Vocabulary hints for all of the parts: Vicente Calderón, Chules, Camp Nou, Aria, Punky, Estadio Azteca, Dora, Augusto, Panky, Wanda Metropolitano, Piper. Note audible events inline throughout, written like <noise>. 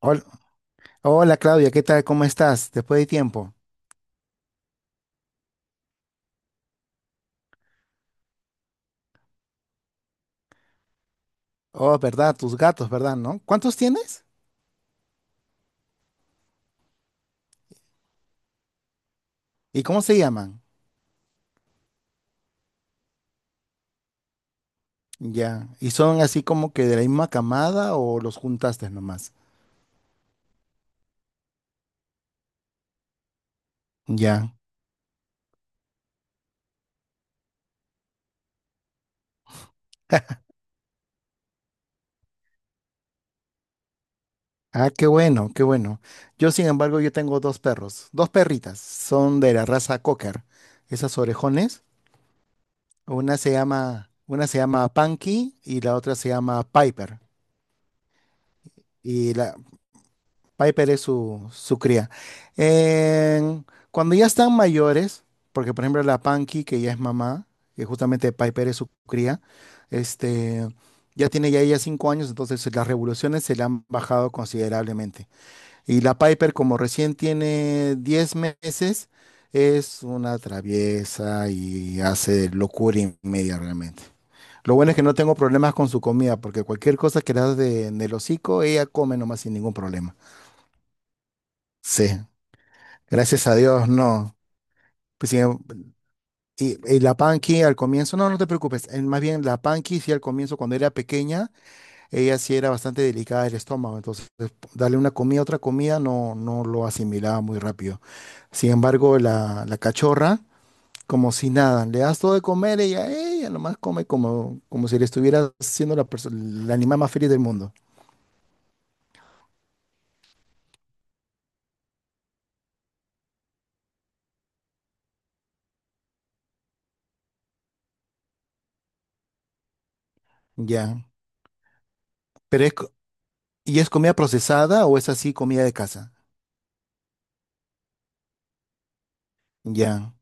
Hol- Hola, Claudia, ¿qué tal? ¿Cómo estás? Después de tiempo. Oh, ¿verdad? Tus gatos, ¿verdad? ¿No? ¿Cuántos tienes? ¿Y cómo se llaman? Ya. ¿Y son así como que de la misma camada o los juntaste nomás? Ya. Ah, qué bueno, qué bueno. Yo, sin embargo, yo tengo dos perros, dos perritas. Son de la raza Cocker, esas orejones. Una se llama Punky y la otra se llama Piper. Y la, Piper es su cría. En- Cuando ya están mayores, porque por ejemplo la Panky, que ya es mamá, que justamente Piper es su cría, este, ya tiene ya ella 5 años, entonces las revoluciones se le han bajado considerablemente. Y la Piper, como recién tiene 10 meses, es una traviesa y hace locura y media realmente. Lo bueno es que no tengo problemas con su comida, porque cualquier cosa que le das de, en el hocico, ella come nomás sin ningún problema. Sí, gracias a Dios, no. Pues sí, y la Panky al comienzo, no, no te preocupes. Más bien, la Panky sí al comienzo, cuando era pequeña, ella sí era bastante delicada del estómago. Entonces, darle una comida, otra comida, no, no lo asimilaba muy rápido. Sin embargo, la cachorra, como si nada, le das todo de comer, ella nomás come como si le estuviera siendo el animal más feliz del mundo. Ya. Pero es, co- ¿Y es comida procesada o es así comida de casa? Ya.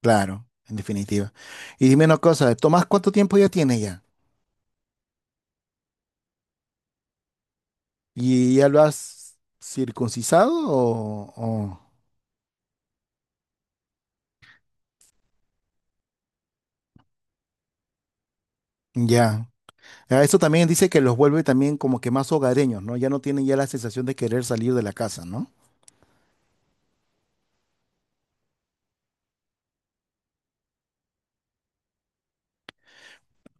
Claro, en definitiva. Y dime una cosa, Tomás, ¿cuánto tiempo ya tiene ya? ¿Y ya lo has circuncisado? ¿Ya? Ah, eso también dice que los vuelve también como que más hogareños, ¿no? Ya no tienen ya la sensación de querer salir de la casa, ¿no?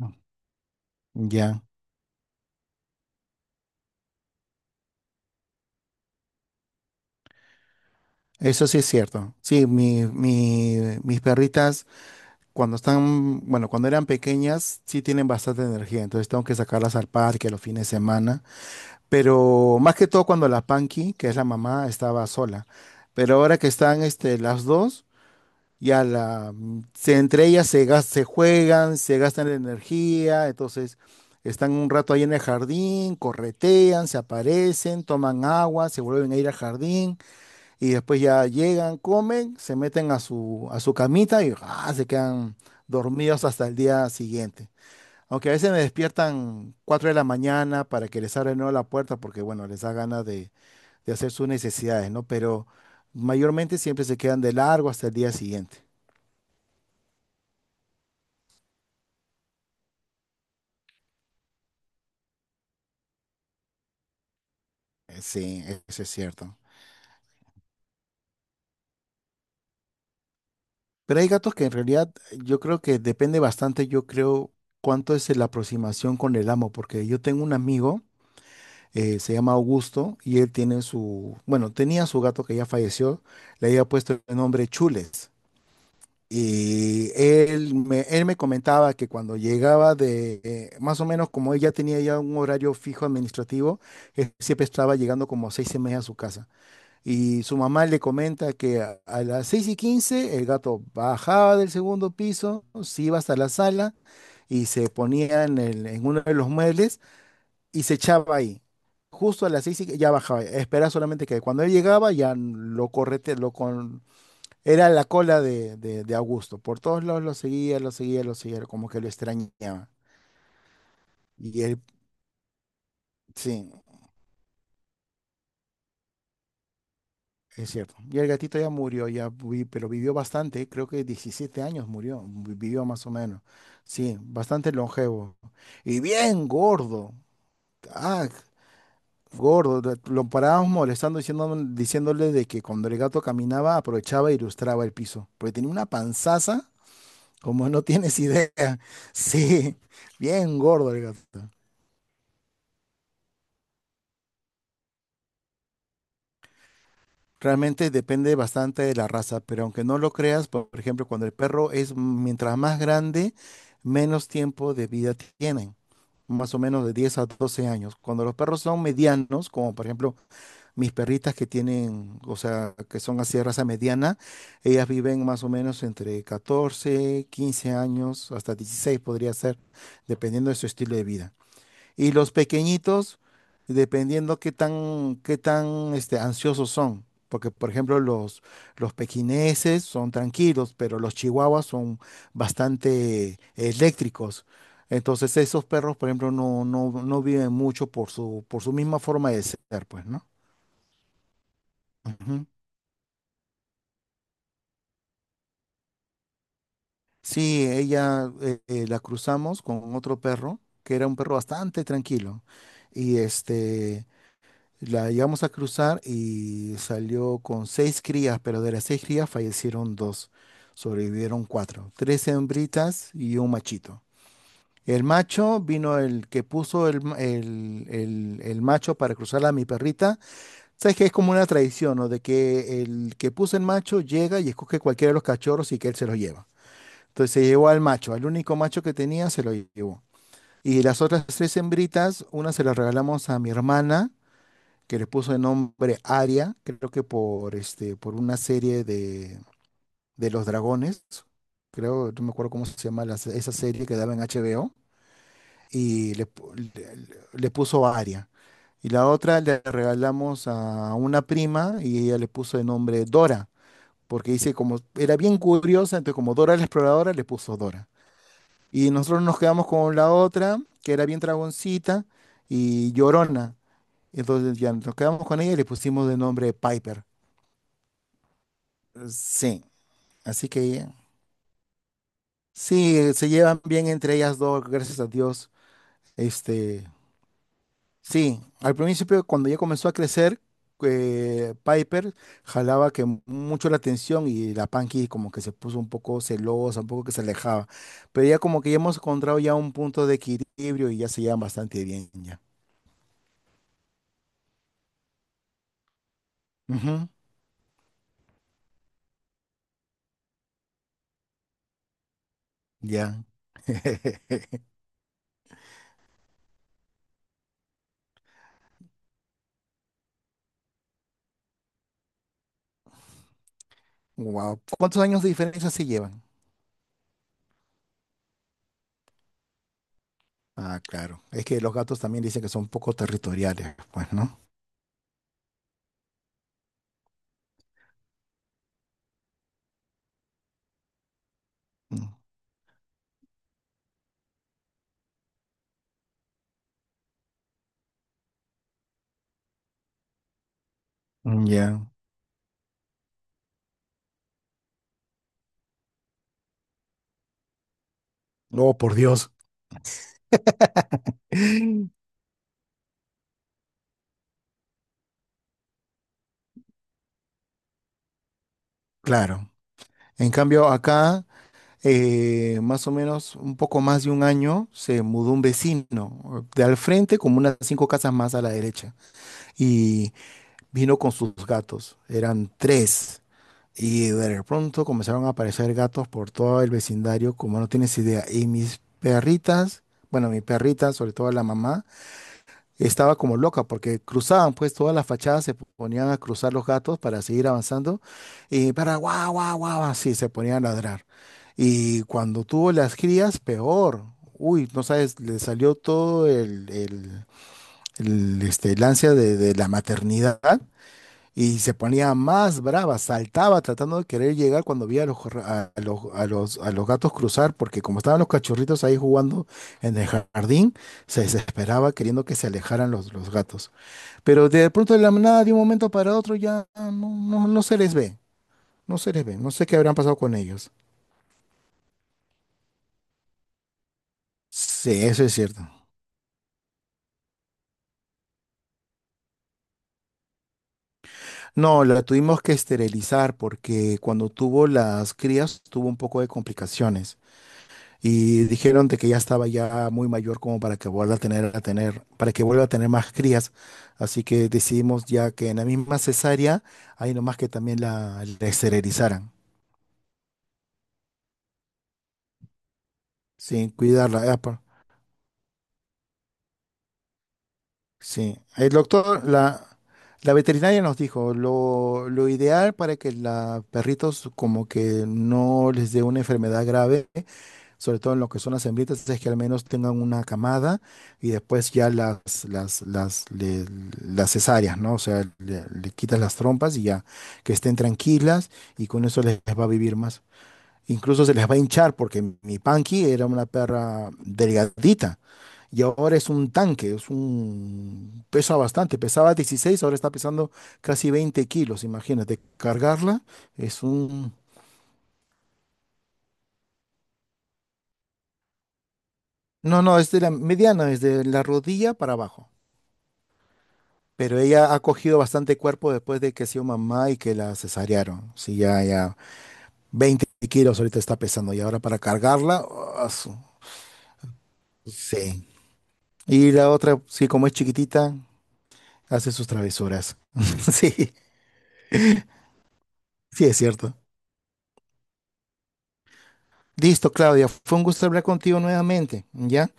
No. Ya, eso sí es cierto. Sí, mis perritas cuando están, bueno, cuando eran pequeñas sí tienen bastante energía, entonces tengo que sacarlas al parque los fines de semana. Pero más que todo cuando la Panky, que es la mamá, estaba sola. Pero ahora que están las dos, ya la, entre ellas se juegan, se gastan la energía, entonces están un rato ahí en el jardín, corretean, se aparecen, toman agua, se vuelven a ir al jardín y después ya llegan, comen, se meten a su camita y se quedan dormidos hasta el día siguiente. Aunque a veces me despiertan 4 de la mañana para que les abra de nuevo la puerta porque, bueno, les da ganas de hacer sus necesidades, ¿no? Pero mayormente siempre se quedan de largo hasta el día siguiente. Sí, eso es cierto. Pero hay gatos que en realidad yo creo que depende bastante, yo creo, cuánto es la aproximación con el amo, porque yo tengo un amigo, se llama Augusto, y él tiene su, bueno, tenía su gato que ya falleció, le había puesto el nombre Chules. Y él me comentaba que cuando llegaba de, más o menos como ella tenía ya un horario fijo administrativo, él siempre estaba llegando como a 6:30 a su casa. Y su mamá le comenta que a las 6:15 el gato bajaba del segundo piso, se iba hasta la sala y se ponía en, en uno de los muebles y se echaba ahí. Justo a las seis y ya bajaba. Espera solamente que cuando él llegaba ya lo correte, lo, era la cola de Augusto. Por todos lados lo seguía, lo seguía, lo seguía, como que lo extrañaba. Y él, sí, es cierto. Y el gatito ya murió, ya pero vivió bastante, creo que 17 años murió, vivió más o menos. Sí, bastante longevo. Y bien gordo. Ah, gordo. Lo parábamos molestando, diciéndole de que cuando el gato caminaba, aprovechaba e ilustraba el piso. Porque tenía una panzaza, como no tienes idea. <laughs> Sí, bien gordo el gato. Realmente depende bastante de la raza, pero aunque no lo creas, por ejemplo, cuando el perro es mientras más grande, menos tiempo de vida tienen, más o menos de 10 a 12 años. Cuando los perros son medianos, como por ejemplo mis perritas que tienen, o sea, que son así de raza mediana, ellas viven más o menos entre 14 15 años, hasta 16 podría ser, dependiendo de su estilo de vida. Y los pequeñitos, dependiendo qué tan, qué tan ansiosos son. Porque, por ejemplo, los pequineses son tranquilos, pero los chihuahuas son bastante eléctricos. Entonces, esos perros, por ejemplo, no, no, no viven mucho por su misma forma de ser, pues, ¿no? Ujú. Sí, ella la cruzamos con otro perro, que era un perro bastante tranquilo. Y la llegamos a cruzar y salió con seis crías, pero de las seis crías fallecieron dos, sobrevivieron cuatro, tres hembritas y un machito. El macho vino el que puso el, el macho para cruzarla a mi perrita. Sabes que es como una tradición, ¿no? De que el que puso el macho llega y escoge cualquiera de los cachorros y que él se los lleva. Entonces se llevó al macho, al único macho que tenía se lo llevó. Y las otras tres hembritas, una se la regalamos a mi hermana que le puso de nombre Aria, creo que por, por una serie de los dragones, creo, no me acuerdo cómo se llama esa serie que daba en HBO, y le, le puso Aria. Y la otra le regalamos a una prima y ella le puso de nombre Dora, porque dice como era bien curiosa, entonces como Dora la exploradora le puso Dora. Y nosotros nos quedamos con la otra, que era bien dragoncita y llorona. Entonces ya nos quedamos con ella y le pusimos de nombre Piper. Sí, así que sí, se llevan bien entre ellas dos, gracias a Dios. Este, sí, al principio cuando ya comenzó a crecer, Piper jalaba mucho la atención y la Panky como que se puso un poco celosa, un poco que se alejaba. Pero ya como que ya hemos encontrado ya un punto de equilibrio y ya se llevan bastante bien ya. Ujú, ya. <laughs> Wow. ¿Cuántos años de diferencia se llevan? Ah, claro. Es que los gatos también dicen que son un poco territoriales, pues, ¿no? Mm. Mm, ya. Oh, por Dios. <laughs> Claro. En cambio, acá, más o menos un poco más de un año, se mudó un vecino de al frente, como unas cinco casas más a la derecha. Y vino con sus gatos. Eran tres. Y de pronto comenzaron a aparecer gatos por todo el vecindario, como no tienes idea. Y mis perritas, bueno, mi perrita, sobre todo la mamá, estaba como loca porque cruzaban pues todas las fachadas, se ponían a cruzar los gatos para seguir avanzando y para guau, guau, guau, así se ponían a ladrar. Y cuando tuvo las crías, peor. Uy, no sabes, le salió todo el el ansia de la maternidad y se ponía más brava, saltaba tratando de querer llegar cuando veía a los, a los gatos cruzar, porque como estaban los cachorritos ahí jugando en el jardín, se desesperaba queriendo que se alejaran los gatos. Pero de pronto de la nada, de un momento para otro, ya no, no, no se les ve. No se les ve. No sé qué habrán pasado con ellos. Sí, eso es cierto. No, la tuvimos que esterilizar porque cuando tuvo las crías tuvo un poco de complicaciones y dijeron de que ya estaba ya muy mayor como para que vuelva a tener, para que vuelva a tener más crías. Así que decidimos ya que en la misma cesárea, ahí nomás que también la esterilizaran, sin cuidarla. Sí, el doctor, la veterinaria nos dijo, lo ideal para que los perritos como que no les dé una enfermedad grave, sobre todo en lo que son las hembritas, es que al menos tengan una camada y después ya las, las, le- las cesáreas, ¿no? O sea, le quitas las trompas y ya que estén tranquilas y con eso les va a vivir más. Incluso se les va a hinchar porque mi Panky era una perra delgadita y ahora es un tanque, es un... pesa bastante, pesaba 16, ahora está pesando casi 20 kilos, imagínate, cargarla es un... No, no, es de la mediana, desde la rodilla para abajo, pero ella ha cogido bastante cuerpo después de que ha sido mamá y que la cesarearon, sí, ya, ya, 20 kilos ahorita está pesando y ahora para cargarla, ah, sí. Y la otra, sí, como es chiquitita, hace sus travesuras, <laughs> sí, sí es cierto. Listo, Claudia. Fue un gusto hablar contigo nuevamente, ¿ya?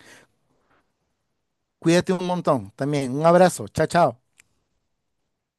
Cuídate un montón también. Un abrazo. Chao, chao.